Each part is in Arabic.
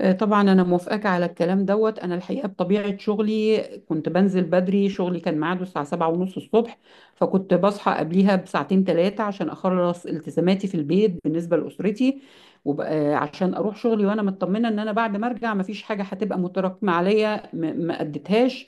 طبعا انا موافقاك على الكلام دوت. انا الحقيقه بطبيعه شغلي كنت بنزل بدري. شغلي كان ميعاده الساعه 7 ونص الصبح، فكنت بصحى قبليها بساعتين ثلاثه عشان اخلص التزاماتي في البيت بالنسبه لاسرتي، وبقى عشان اروح شغلي وانا مطمنه ان انا بعد ما ارجع مفيش حاجه هتبقى متراكمه عليا ما اديتهاش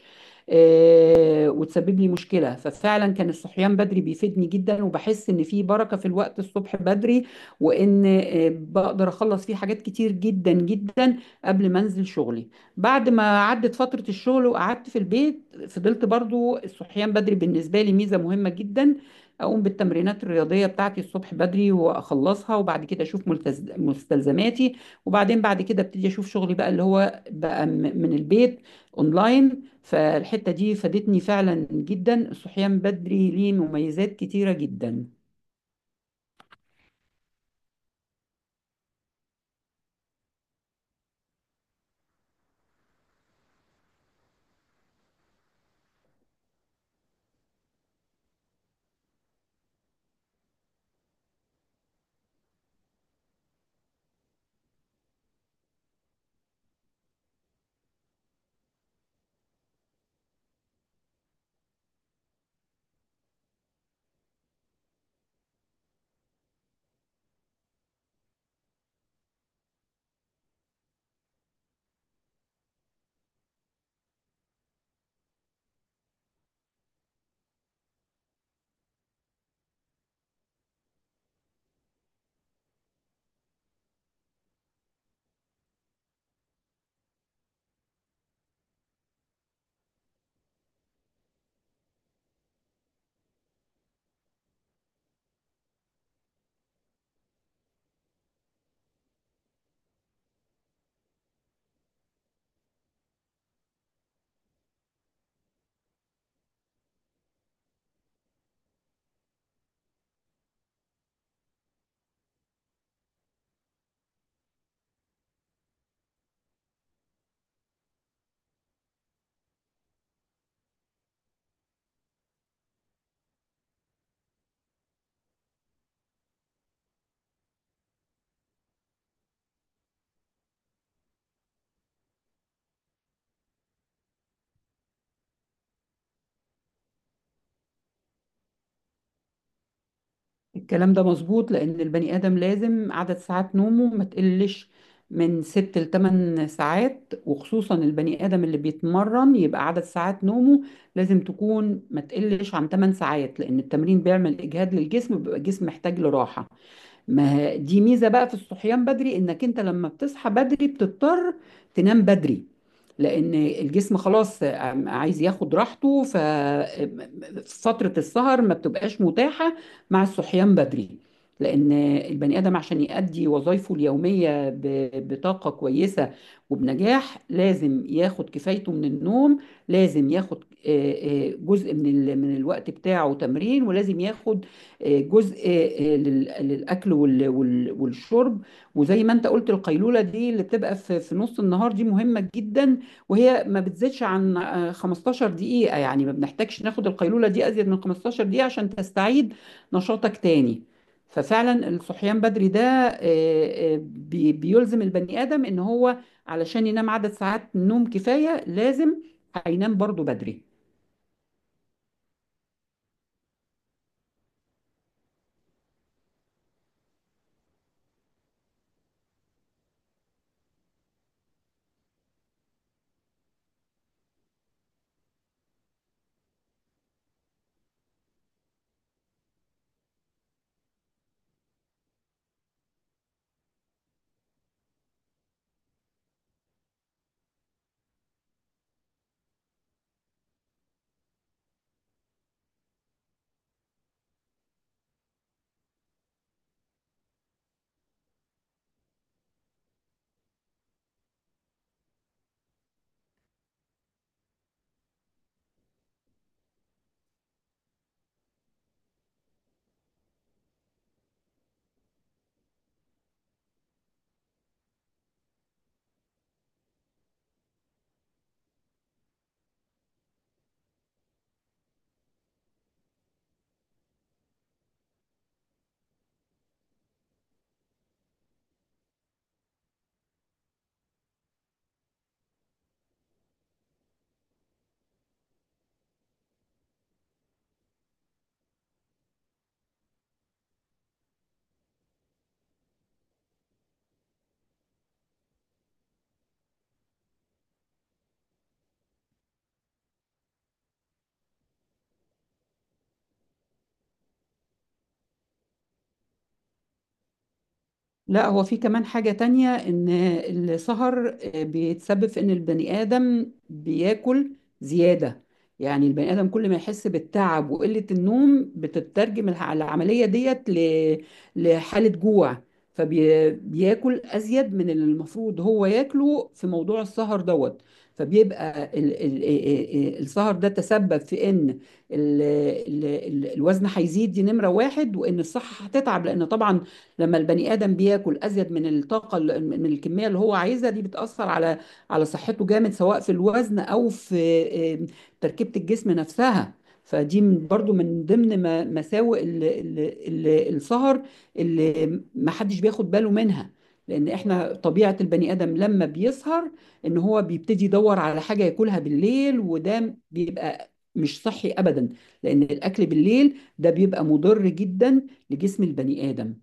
وتسبب لي مشكله. ففعلا كان الصحيان بدري بيفيدني جدا، وبحس ان في بركه في الوقت الصبح بدري، وان بقدر اخلص فيه حاجات كتير جدا جدا قبل ما انزل شغلي. بعد ما عدت فترة الشغل وقعدت في البيت، فضلت برضو الصحيان بدري بالنسبة لي ميزة مهمة جدا. اقوم بالتمرينات الرياضية بتاعتي الصبح بدري واخلصها، وبعد كده اشوف مستلزماتي، وبعدين بعد كده ابتدي اشوف شغلي بقى اللي هو بقى من البيت اونلاين. فالحتة دي فادتني فعلا جدا، الصحيان بدري ليه مميزات كتيرة جدا. الكلام ده مظبوط لأن البني آدم لازم عدد ساعات نومه ما تقلش من ست لتمن ساعات، وخصوصا البني آدم اللي بيتمرن يبقى عدد ساعات نومه لازم تكون ما تقلش عن تمن ساعات، لأن التمرين بيعمل إجهاد للجسم، بيبقى الجسم محتاج لراحة. ما ه- دي ميزة بقى في الصحيان بدري، انك انت لما بتصحى بدري بتضطر تنام بدري، لان الجسم خلاص عايز ياخد راحته، ففترة السهر ما بتبقاش متاحة مع الصحيان بدري. لان البني ادم عشان يؤدي وظائفه اليومية بطاقة كويسة وبنجاح لازم ياخد كفايته من النوم. لازم ياخد جزء من من الوقت بتاعه تمرين، ولازم ياخد جزء للاكل والشرب. وزي ما انت قلت، القيلوله دي اللي بتبقى في في نص النهار دي مهمه جدا، وهي ما بتزيدش عن 15 دقيقه، يعني ما بنحتاجش ناخد القيلوله دي ازيد من 15 دقيقه عشان تستعيد نشاطك تاني. ففعلا الصحيان بدري ده آه، بيلزم البني ادم ان هو علشان ينام عدد ساعات نوم كفايه لازم هينام برضو بدري. لا، هو في كمان حاجة تانية، إن السهر بيتسبب في إن البني آدم بياكل زيادة. يعني البني آدم كل ما يحس بالتعب وقلة النوم بتترجم العملية ديت لحالة جوع، فبياكل أزيد من اللي المفروض هو ياكله في موضوع السهر دوت. فبيبقى السهر ده تسبب في إن ال- ال الوزن هيزيد، دي نمرة واحد، وإن الصحة هتتعب، لأن طبعا لما البني ادم بياكل ازيد من الطاقه من الكميه اللي هو عايزها، دي بتاثر على على صحته جامد، سواء في الوزن او في آه، تركيبه الجسم نفسها. فدي برضو من ضمن مساوئ السهر اللي ما حدش بياخد باله منها، لان احنا طبيعه البني ادم لما بيسهر، ان هو بيبتدي يدور على حاجه ياكلها بالليل، وده بيبقى مش صحي ابدا، لان الاكل بالليل ده بيبقى مضر جدا لجسم البني ادم.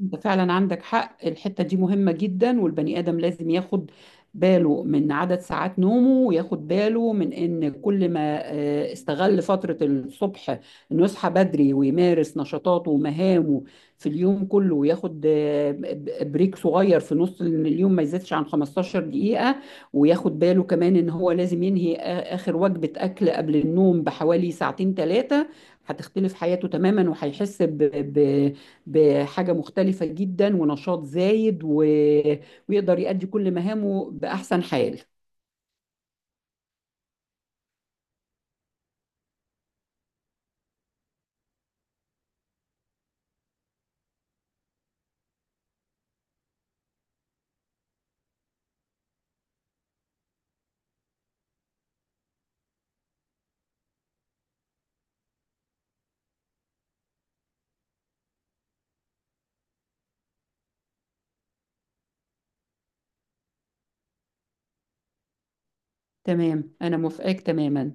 انت فعلا عندك حق، الحتة دي مهمة جدا، والبني آدم لازم ياخد باله من عدد ساعات نومه، وياخد باله من ان كل ما استغل فترة الصبح انه يصحى بدري ويمارس نشاطاته ومهامه في اليوم كله، وياخد بريك صغير في نص اليوم ما يزيدش عن 15 دقيقة، وياخد باله كمان ان هو لازم ينهي اخر وجبة اكل قبل النوم بحوالي ساعتين ثلاثة، هتختلف حياته تماما، وهيحس ب... بحاجة مختلفة جدا ونشاط زايد ويقدر يؤدي كل مهامه بأحسن حال. تمام، أنا موافقاك تماما.